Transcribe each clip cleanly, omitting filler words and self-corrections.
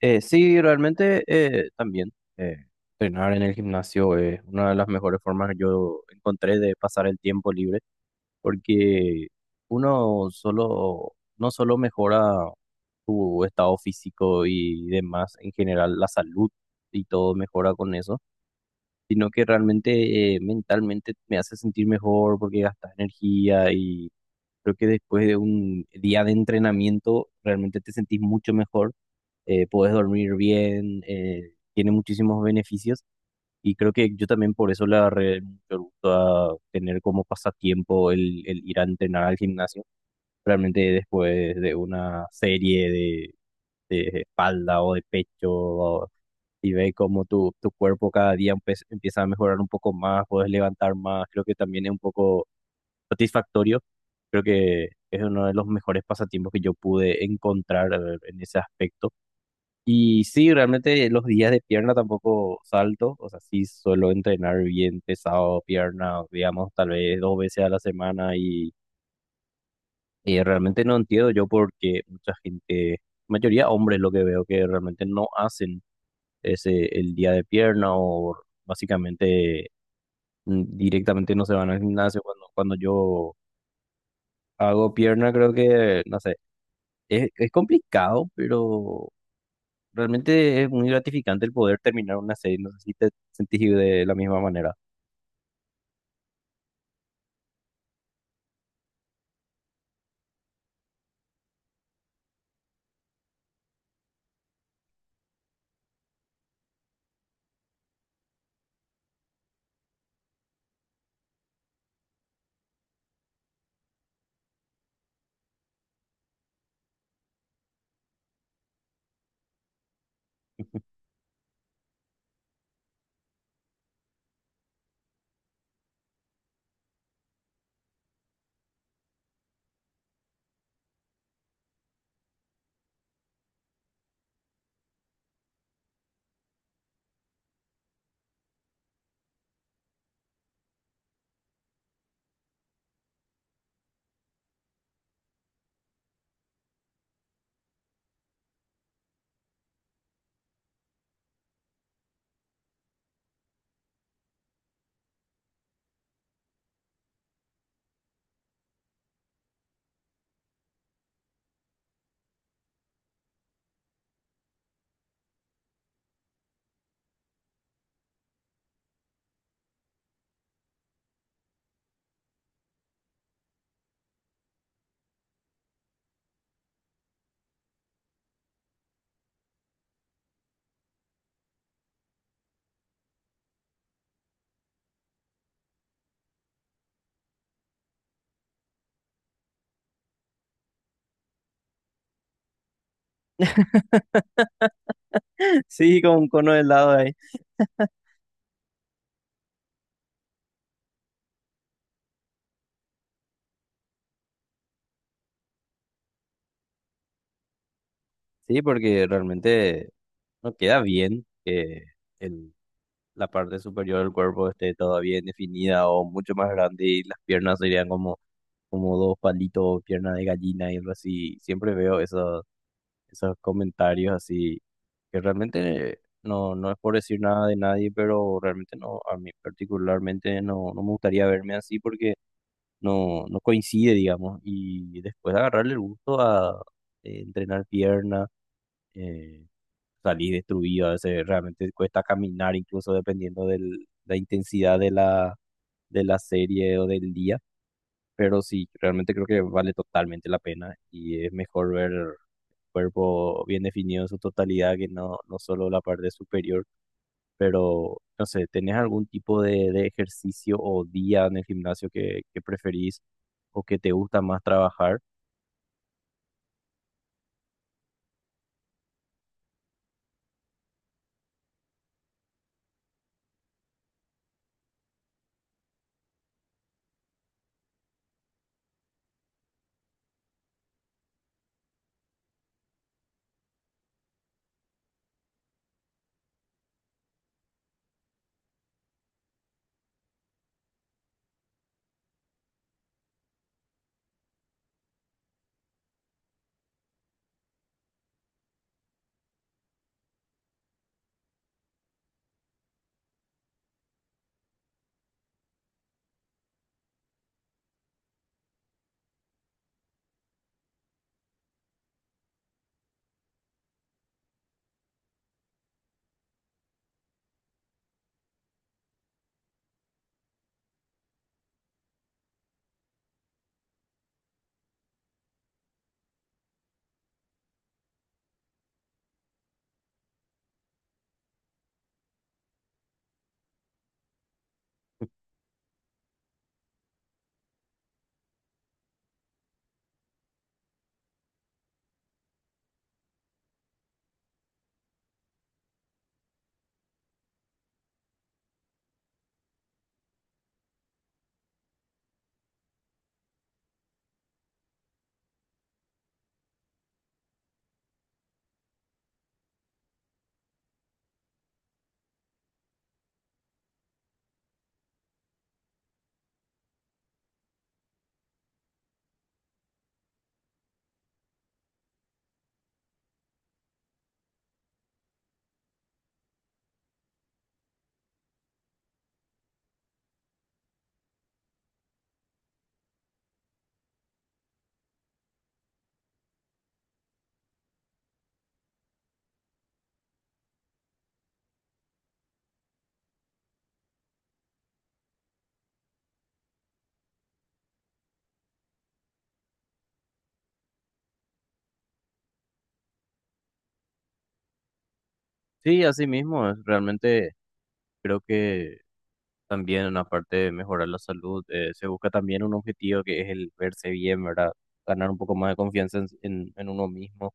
Sí, realmente también entrenar en el gimnasio es una de las mejores formas que yo encontré de pasar el tiempo libre, porque uno solo, no solo mejora tu estado físico y demás, en general la salud y todo mejora con eso, sino que realmente mentalmente me hace sentir mejor porque gastas energía y creo que después de un día de entrenamiento realmente te sentís mucho mejor. Puedes dormir bien, tiene muchísimos beneficios y creo que yo también por eso le agarré mucho gusto a tener como pasatiempo el ir a entrenar al gimnasio. Realmente después de una serie de espalda o de pecho y ve cómo tu cuerpo cada día empieza a mejorar un poco más, puedes levantar más, creo que también es un poco satisfactorio. Creo que es uno de los mejores pasatiempos que yo pude encontrar en ese aspecto y sí, realmente los días de pierna tampoco salto, o sea, sí suelo entrenar bien pesado pierna, digamos, tal vez dos veces a la semana y realmente no entiendo yo porque mucha gente, mayoría hombres lo que veo que realmente no hacen ese el día de pierna o básicamente directamente no se van al gimnasio cuando yo hago pierna creo que, no sé, es complicado, pero realmente es muy gratificante el poder terminar una serie. No sé si te sentís de la misma manera. Sí, con un cono de helado ahí. Sí, porque realmente no queda bien que el, la parte superior del cuerpo esté todavía bien definida o mucho más grande y las piernas serían como, como dos palitos, pierna de gallina y algo así. Siempre veo eso, esos comentarios así, que realmente no, no es por decir nada de nadie, pero realmente no, a mí particularmente no, no me gustaría verme así porque no, no coincide, digamos, y después agarrarle el gusto a entrenar pierna, eh, salir destruido, a veces realmente cuesta caminar incluso dependiendo de la, intensidad de de la serie o del día. Pero sí, realmente creo que vale totalmente la pena y es mejor ver el cuerpo bien definido en su totalidad que no, no solo la parte superior. Pero, no sé, ¿tenés algún tipo de ejercicio o día en el gimnasio que preferís o que te gusta más trabajar? Sí, así mismo, realmente creo que también, aparte de mejorar la salud, se busca también un objetivo que es el verse bien, ¿verdad? Ganar un poco más de confianza en en uno mismo,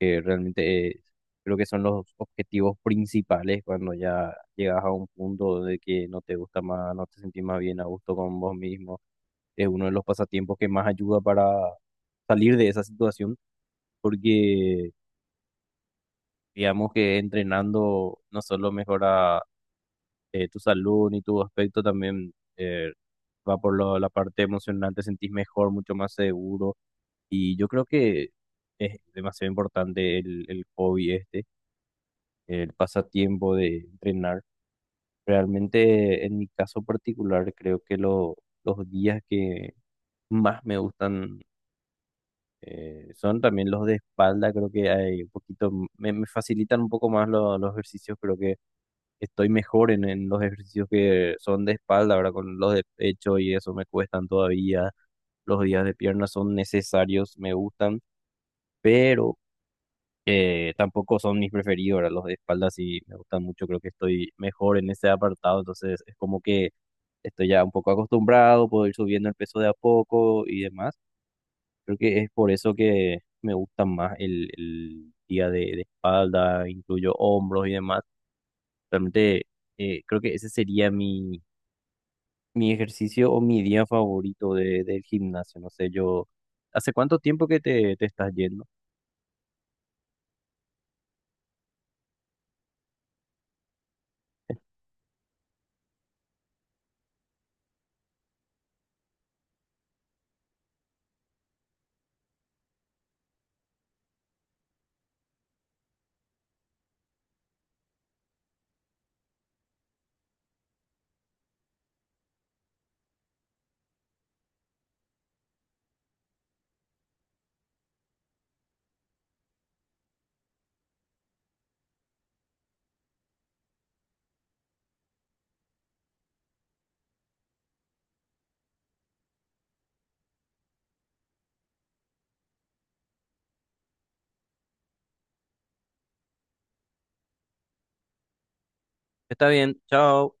que realmente creo que son los objetivos principales cuando ya llegas a un punto de que no te gusta más, no te sentís más bien a gusto con vos mismo. Es uno de los pasatiempos que más ayuda para salir de esa situación, porque digamos que entrenando no solo mejora tu salud ni tu aspecto, también va por la parte emocional, te sentís mejor, mucho más seguro. Y yo creo que es demasiado importante el hobby este, el pasatiempo de entrenar. Realmente, en mi caso particular, creo que los días que más me gustan son también los de espalda. Creo que hay un poquito, me facilitan un poco más los ejercicios. Creo que estoy mejor en los ejercicios que son de espalda, ahora con los de pecho y eso me cuestan todavía. Los días de pierna son necesarios, me gustan, pero tampoco son mis preferidos, ¿verdad? Los de espalda sí me gustan mucho, creo que estoy mejor en ese apartado, entonces es como que estoy ya un poco acostumbrado, puedo ir subiendo el peso de a poco y demás. Creo que es por eso que me gusta más el día de espalda, incluyo hombros y demás. Realmente creo que ese sería mi ejercicio o mi día favorito del gimnasio. No sé, yo, ¿hace cuánto tiempo que te estás yendo? Está bien, chao.